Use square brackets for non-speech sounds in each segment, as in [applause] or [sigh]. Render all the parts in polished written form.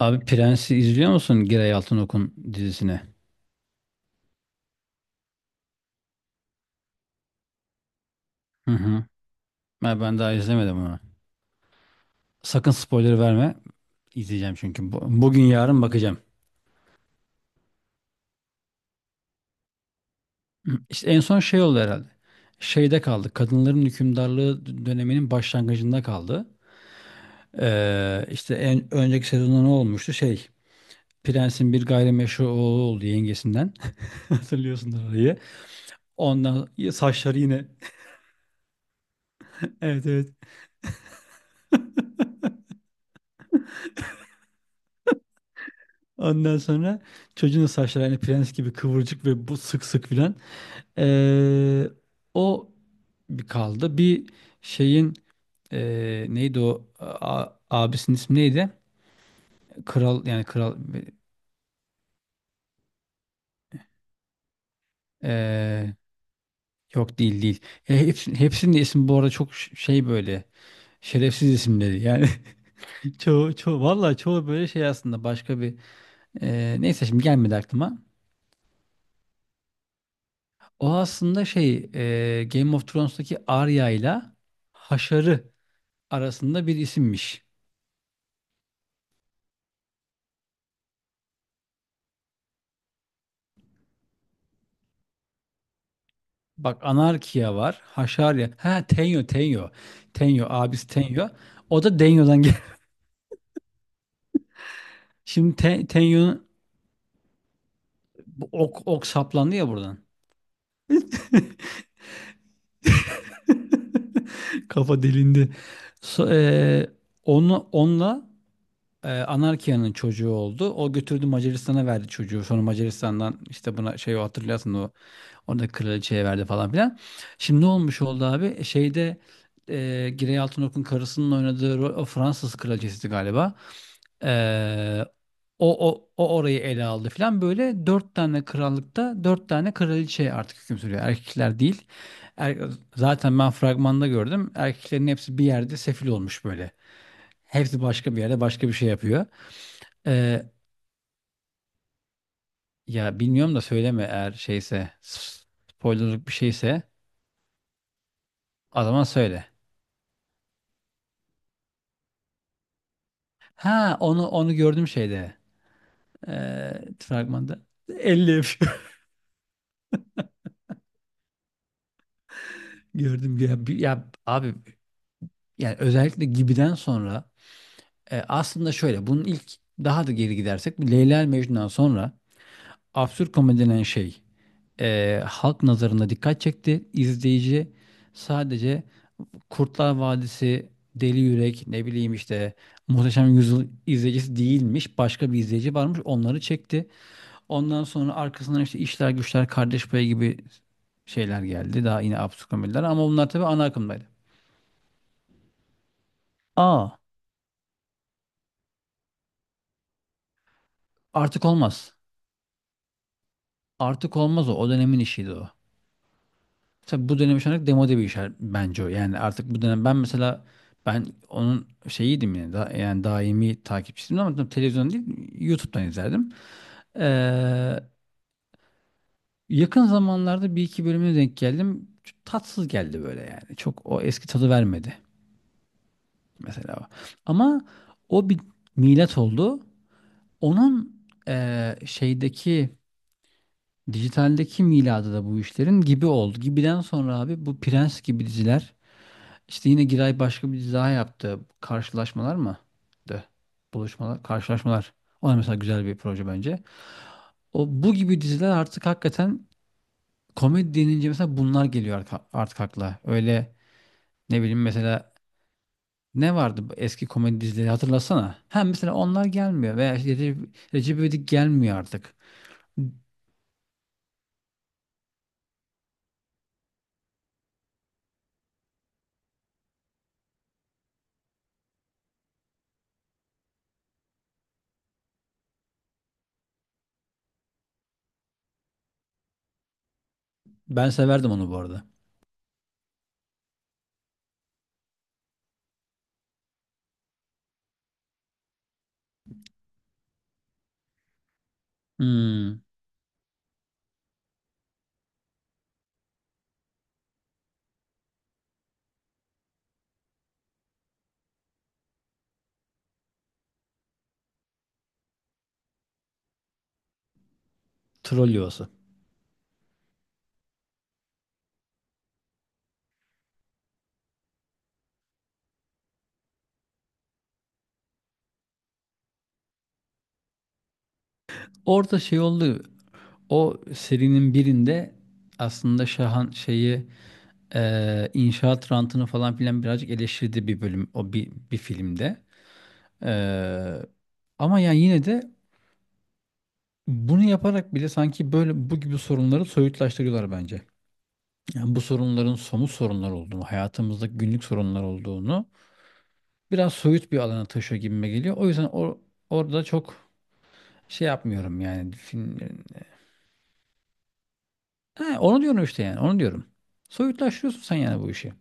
Abi Prens'i izliyor musun Giray Altınok'un dizisini? Hı hı. Ben daha izlemedim onu. Sakın spoiler verme. İzleyeceğim çünkü. Bugün yarın bakacağım. Hı. İşte en son şey oldu herhalde. Şeyde kaldı. Kadınların hükümdarlığı döneminin başlangıcında kaldı. İşte en önceki sezonda ne olmuştu? Şey, Prens'in bir gayrimeşru oğlu oldu yengesinden. [laughs] Hatırlıyorsun orayı. Ondan saçları yine. [laughs] Evet, evet. Ondan sonra çocuğun da saçları hani prens gibi kıvırcık ve bu sık sık filan. Ee, O bir kaldı. Bir şeyin, neydi o, abisinin ismi neydi? Kral, yani kral. ee, Yok, değil, değil. Hepsinin de ismi bu arada çok şey, böyle şerefsiz isimleri. Yani [laughs] çoğu vallahi, çoğu böyle şey aslında başka bir, neyse, şimdi gelmedi aklıma. O aslında şey, Game of Thrones'taki Arya ile Haşar'ı arasında bir isimmiş. Bak, Anarkia var. Haşarya. Ha, Tenyo, Tenyo. Tenyo, abisi Tenyo. O da Denyo'dan gel. [laughs] Şimdi Tenyo'nun bu ok saplandı ya buradan. [laughs] Kafa delindi. So- e, onu onunla, Anarkia'nın çocuğu oldu. O götürdü, Macaristan'a verdi çocuğu. Sonra Macaristan'dan işte buna şey, hatırlarsın, o orada kraliçeye verdi falan filan. Şimdi ne olmuş oldu abi? Şeyde, Girey Altınok'un karısının oynadığı rol, o Fransız kraliçesiydi galiba. E, o orayı ele aldı filan. Böyle dört tane krallıkta dört tane kraliçe artık hüküm sürüyor. Erkekler değil. Er- Zaten ben fragmanda gördüm. Erkeklerin hepsi bir yerde sefil olmuş böyle. Hepsi başka bir yerde başka bir şey yapıyor. E, Ya bilmiyorum da söyleme, eğer şeyse, spoilerlık bir şeyse o zaman söyle. Ha, onu gördüm şeyde. Fragmanda. 50 yapıyor. [laughs] Gördüm ya, ya abi, yani özellikle Gibi'den sonra, aslında şöyle, bunun ilk, daha da geri gidersek, bu Leyla ile Mecnun'dan sonra absürt komedi denen şey halk nazarında dikkat çekti. İzleyici sadece Kurtlar Vadisi, Deli Yürek, ne bileyim işte Muhteşem Yüzyıl izleyicisi değilmiş. Başka bir izleyici varmış. Onları çekti. Ondan sonra arkasından işte işler güçler, Kardeş Payı gibi şeyler geldi. Daha yine absürt komediler ama bunlar tabii ana akımdaydı. Aa, artık olmaz. Artık olmaz o. O dönemin işiydi o. Tabii bu dönem şu anlık demode bir iş, bence o. Yani artık bu dönem, ben mesela ben onun şeyiydim yani, da, yani daimi takipçisiydim, ama tabii televizyon değil, YouTube'dan izlerdim. Ee, Yakın zamanlarda bir iki bölümüne denk geldim. Çok tatsız geldi böyle yani. Çok o eski tadı vermedi mesela. Ama o bir milat oldu. Onun şeydeki, dijitaldeki miladı da bu işlerin Gibi oldu. Gibi'den sonra abi, bu Prens gibi diziler, işte yine Giray başka bir dizi daha yaptı. Karşılaşmalar mı? De. Buluşmalar, karşılaşmalar. O da mesela güzel bir proje bence. O, bu gibi diziler artık hakikaten komedi denince mesela bunlar geliyor artık akla. Öyle, ne bileyim, mesela ne vardı bu eski komedi dizileri, hatırlasana. Hem mesela onlar gelmiyor, veya işte Recep İvedik gelmiyor artık. Ben severdim onu bu arada. Hmm, troll yuvası. Orada şey oldu. O serinin birinde aslında Şahan şeyi, inşaat rantını falan filan birazcık eleştirdi bir bölüm, o bir filmde. E, Ama yani yine de, bunu yaparak bile sanki böyle bu gibi sorunları soyutlaştırıyorlar bence. Yani bu sorunların somut sorunlar olduğunu, hayatımızda günlük sorunlar olduğunu biraz soyut bir alana taşıyor gibime geliyor. O yüzden orada çok şey yapmıyorum yani, filmlerin. He, onu diyorum işte, yani onu diyorum. Soyutlaştırıyorsun sen yani bu işi.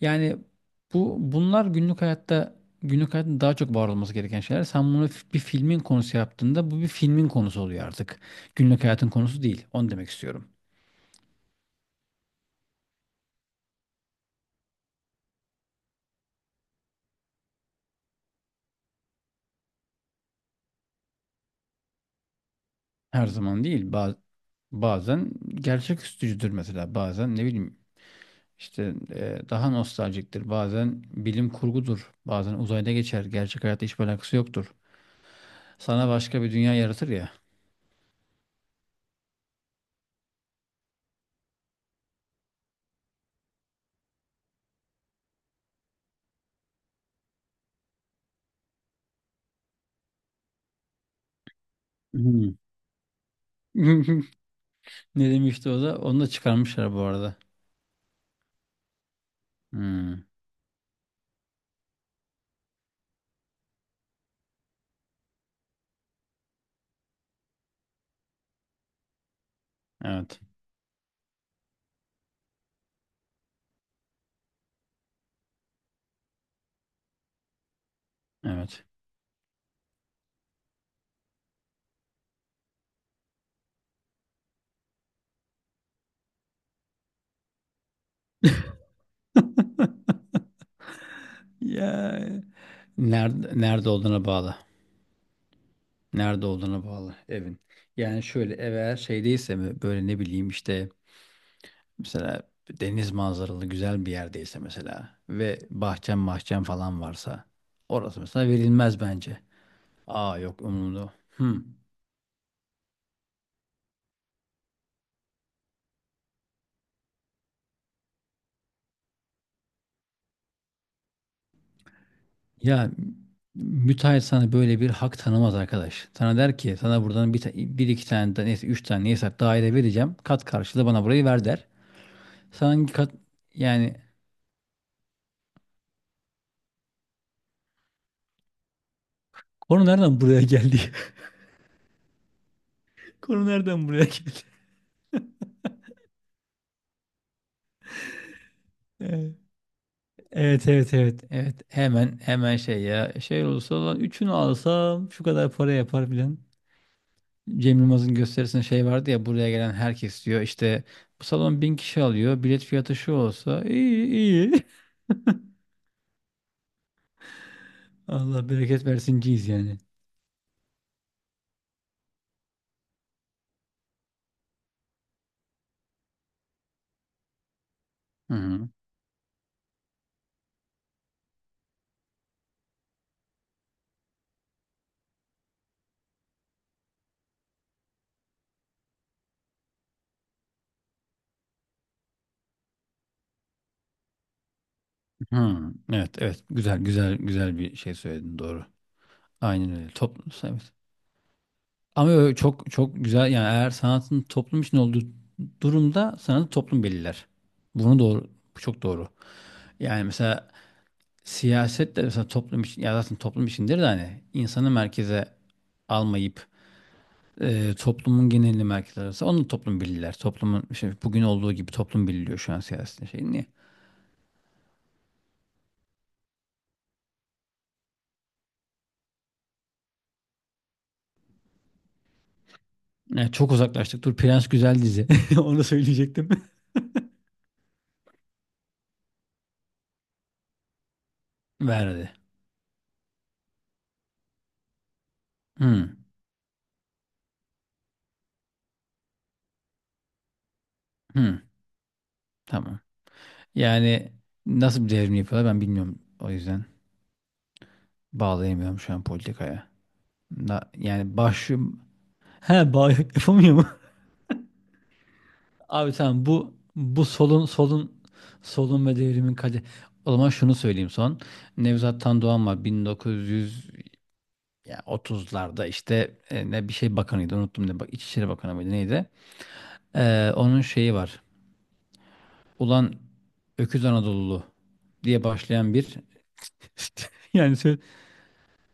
Yani bunlar günlük hayatta, günlük hayatın daha çok var olması gereken şeyler. Sen bunu bir filmin konusu yaptığında, bu bir filmin konusu oluyor artık. Günlük hayatın konusu değil. Onu demek istiyorum. Her zaman değil. Bazen gerçek üstücüdür mesela. Bazen ne bileyim, İşte daha nostaljiktir. Bazen bilim kurgudur. Bazen uzayda geçer. Gerçek hayatta hiçbir alakası yoktur. Sana başka bir dünya yaratır ya. Hmm. [laughs] Ne demişti o da? Onu da çıkarmışlar bu arada. Hmm, evet. Evet. [laughs] Ya, nerede olduğuna bağlı. Nerede olduğuna bağlı evin. Yani şöyle, ev eğer şeydeyse mi, böyle ne bileyim, işte mesela deniz manzaralı güzel bir yerdeyse mesela ve bahçem falan varsa, orası mesela verilmez bence. Aa, yok umurumda. Hmm. Ya müteahhit sana böyle bir hak tanımaz arkadaş. Sana der ki: sana buradan bir iki tane de, neyse, üç tane neyse daire vereceğim. Kat karşılığı bana burayı ver, der. Sana hangi kat, yani konu nereden buraya geldi? [laughs] Konu nereden buraya geldi? [laughs] Evet, evet, evet, evet, hemen hemen şey, ya şey olursa olan üçünü alsam şu kadar para yapar, bilen Cem Yılmaz'ın gösterisinde şey vardı ya, buraya gelen herkes diyor işte bu salon 1.000 kişi alıyor, bilet fiyatı şu olsa iyi, iyi [laughs] Allah bereket versin ciz yani. Hı hı. Hı. Evet, evet, güzel, güzel, güzel bir şey söyledin, doğru. Aynen öyle, toplum, evet. Ama öyle çok çok güzel, yani eğer sanatın toplum için olduğu durumda sanatı toplum belirler. Bunu doğru, bu çok doğru. Yani mesela siyaset de mesela toplum için, ya zaten toplum içindir de, hani insanı merkeze almayıp toplumun genelini merkeze alırsa, onu toplum belirler. Toplumun şey, bugün olduğu gibi toplum belirliyor şu an siyasetin şeyini. Niye? Yani çok uzaklaştık. Dur, Prens güzel dizi. [laughs] Onu söyleyecektim. [laughs] Verdi. Hmm. Hmm. Tamam. Yani nasıl bir devrim yapıyorlar ben bilmiyorum. O yüzden bağlayamıyorum şu an politikaya. Yani başım... He, [laughs] yapamıyor mu? Abi tamam, bu solun solun ve devrimin kadı. O zaman şunu söyleyeyim son. Nevzat Tan Doğan var 1930'larda, işte ne bir şey bakanıydı, unuttum, ne, bak, İçişleri Bakanı mıydı, neydi? Onun şeyi var. "Ulan Öküz Anadolulu" diye başlayan bir [laughs] yani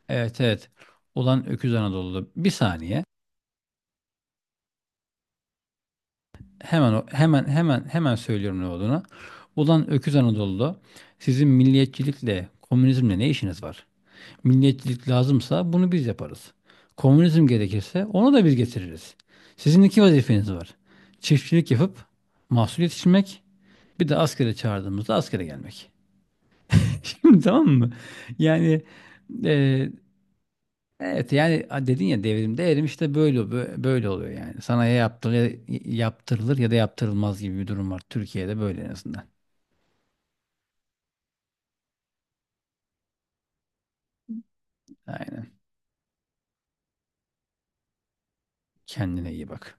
evet, evet. "Ulan Öküz Anadolu'da," bir saniye. Hemen o- hemen hemen hemen söylüyorum ne olduğunu. "Ulan öküz Anadolu'da sizin milliyetçilikle, komünizmle ne işiniz var? Milliyetçilik lazımsa bunu biz yaparız. Komünizm gerekirse onu da biz getiririz. Sizin iki vazifeniz var. Çiftçilik yapıp mahsul yetiştirmek, bir de askere çağırdığımızda askere gelmek." [laughs] Şimdi, tamam mı? Yani e, evet, yani dedin ya devrimde erim, işte böyle, böyle oluyor yani. Sana ya yaptırılır, yaptırılır ya da yaptırılmaz gibi bir durum var. Türkiye'de böyle, en azından. Aynen. Kendine iyi bak.